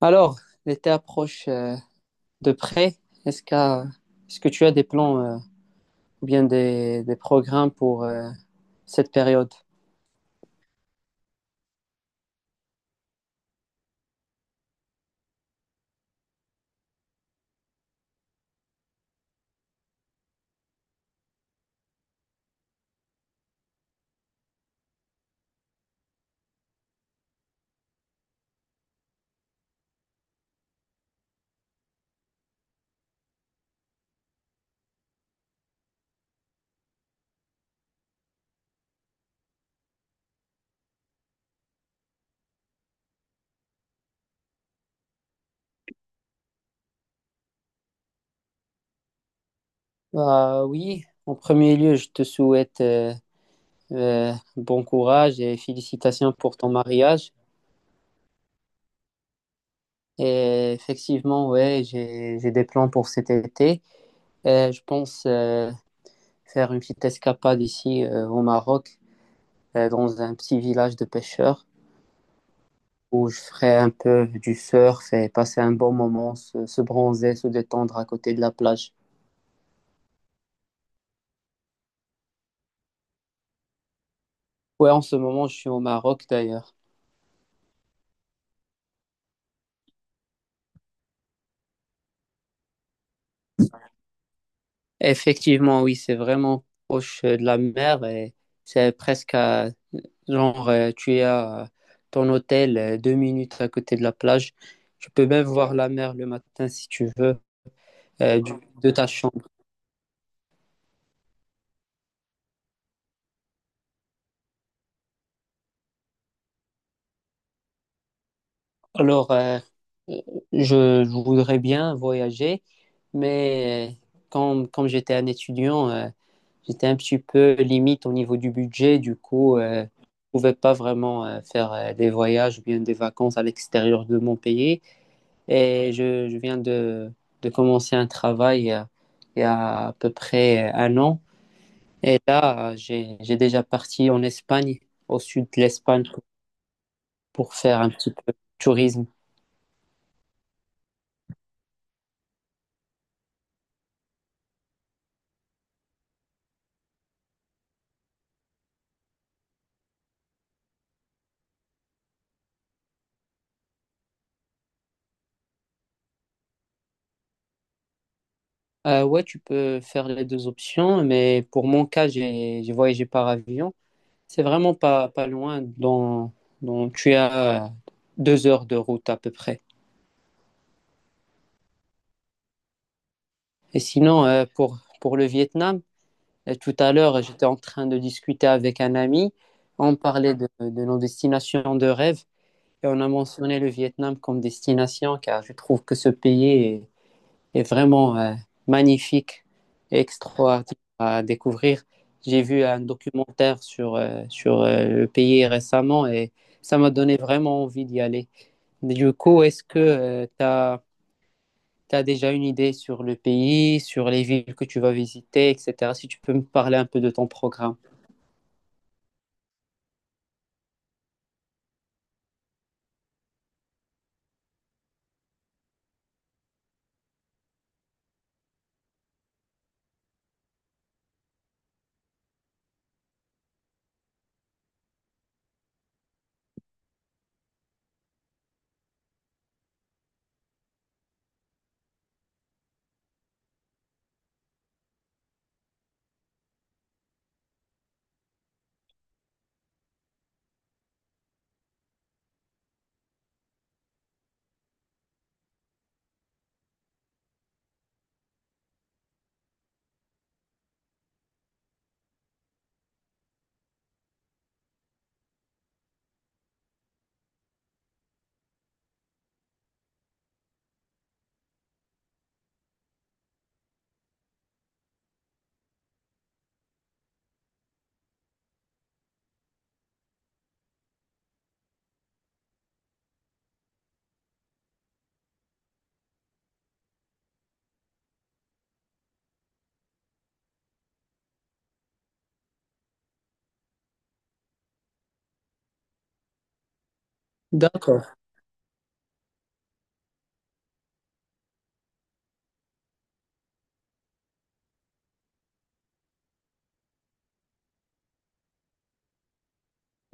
Alors, l'été approche de près. Est-ce qu'à- est-ce que tu as des plans ou bien des programmes pour cette période? Bah oui, en premier lieu, je te souhaite bon courage et félicitations pour ton mariage. Et effectivement, ouais, j'ai des plans pour cet été. Je pense faire une petite escapade ici au Maroc, dans un petit village de pêcheurs, où je ferai un peu du surf et passer un bon moment, se bronzer, se détendre à côté de la plage. Ouais, en ce moment, je suis au Maroc d'ailleurs. Effectivement, oui, c'est vraiment proche de la mer et c'est presque à, genre, tu es à ton hôtel deux minutes à côté de la plage. Tu peux même voir la mer le matin si tu veux euh, du- de ta chambre. Alors, je voudrais bien voyager, mais quand j'étais un étudiant, j'étais un petit peu limite au niveau du budget, du coup, je ne pouvais pas vraiment faire des voyages ou bien des vacances à l'extérieur de mon pays. Et je viens de commencer un travail il y a à peu près un an. Et là, j'ai déjà parti en Espagne, au sud de l'Espagne, pour faire un petit peu de tourisme. Ouais, tu peux faire les deux options, mais pour mon cas, j'ai voyagé par avion. C'est vraiment pas loin. Tu as deux heures de route à peu près. Et sinon, pour le Vietnam, tout à l'heure, j'étais en train de discuter avec un ami. On parlait de nos destinations de rêve et on a mentionné le Vietnam comme destination car je trouve que ce est vraiment magnifique et extraordinaire à découvrir. J'ai vu un documentaire sur le pays récemment et ça m'a donné vraiment envie d'y aller. Du coup, est-ce que t'as tu as déjà une idée sur le pays, sur les villes que tu vas visiter, etc. Si tu peux me parler un peu de ton programme. D'accord.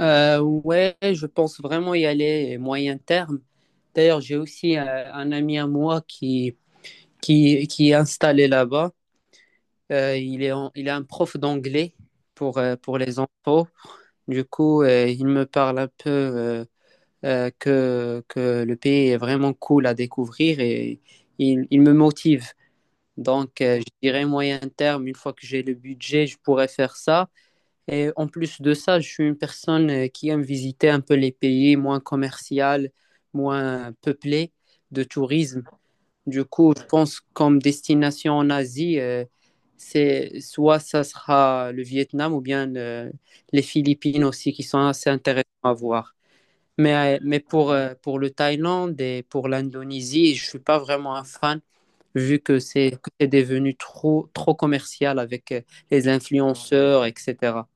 Ouais, je pense vraiment y aller moyen terme. D'ailleurs, j'ai aussi un ami à moi qui est installé là-bas. Il est un prof d'anglais pour les enfants. Du coup, il me parle un peu que le pays est vraiment cool à découvrir et il me motive. Donc, je dirais moyen terme, une fois que j'ai le budget, je pourrais faire ça. Et en plus de ça, je suis une personne qui aime visiter un peu les pays moins commerciaux, moins peuplés de tourisme. Du coup, je pense comme destination en Asie, c'est soit ça sera le Vietnam ou bien les Philippines aussi, qui sont assez intéressants à voir. Mais, pour le Thaïlande et pour l'Indonésie, je suis pas vraiment un fan, vu que c'est devenu trop commercial avec les influenceurs, etc.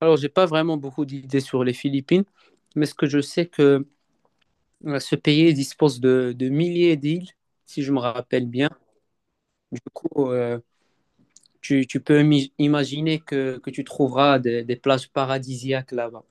Alors, j'ai pas vraiment beaucoup d'idées sur les Philippines, mais ce que je sais que ce pays dispose de milliers d'îles, si je me rappelle bien. Du coup, tu peux imaginer que tu trouveras des plages paradisiaques là-bas.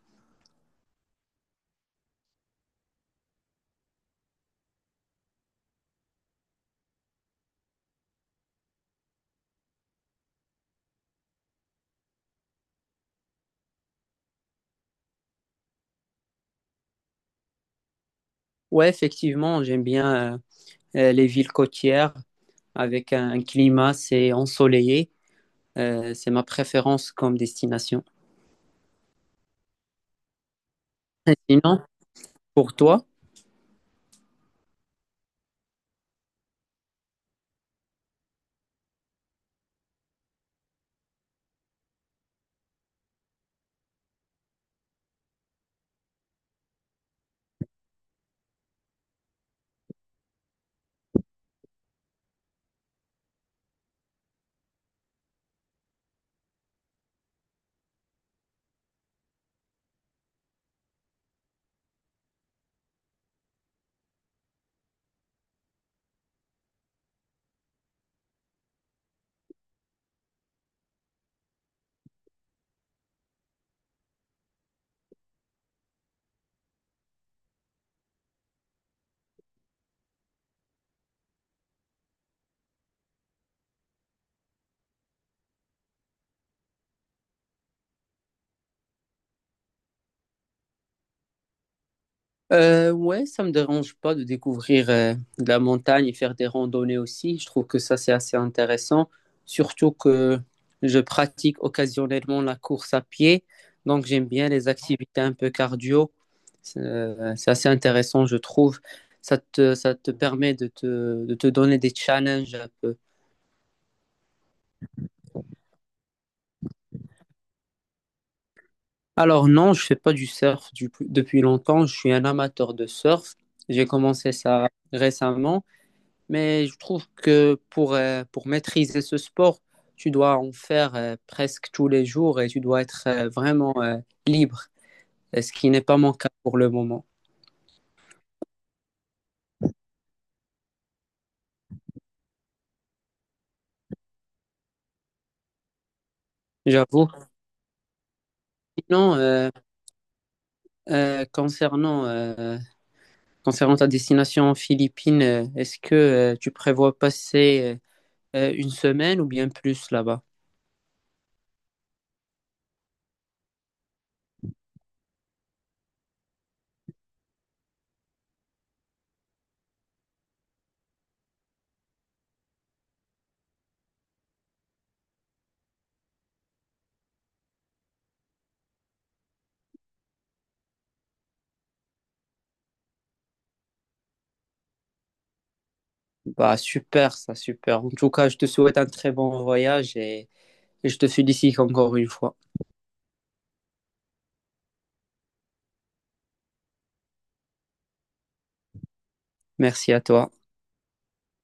Ouais, effectivement, j'aime bien les villes côtières avec un climat, c'est ensoleillé. C'est ma préférence comme destination. Et sinon, pour toi? Ouais, ça me dérange pas de découvrir de la montagne et faire des randonnées aussi. Je trouve que ça, c'est assez intéressant, surtout que je pratique occasionnellement la course à pied, donc j'aime bien les activités un peu cardio. C'est assez intéressant, je trouve. Ça te permet de de te donner des challenges un peu. Alors non, je fais pas du surf depuis longtemps. Je suis un amateur de surf. J'ai commencé ça récemment. Mais je trouve que pour maîtriser ce sport, tu dois en faire presque tous les jours et tu dois être vraiment libre, ce qui n'est pas mon cas pour le moment. J'avoue. Sinon, euh, concernant, euh, concernant ta destination en Philippines, est-ce que tu prévois passer une semaine ou bien plus là-bas? Bah, super, ça, super. En tout cas, je te souhaite un très bon voyage et je te félicite encore une fois. Merci à toi.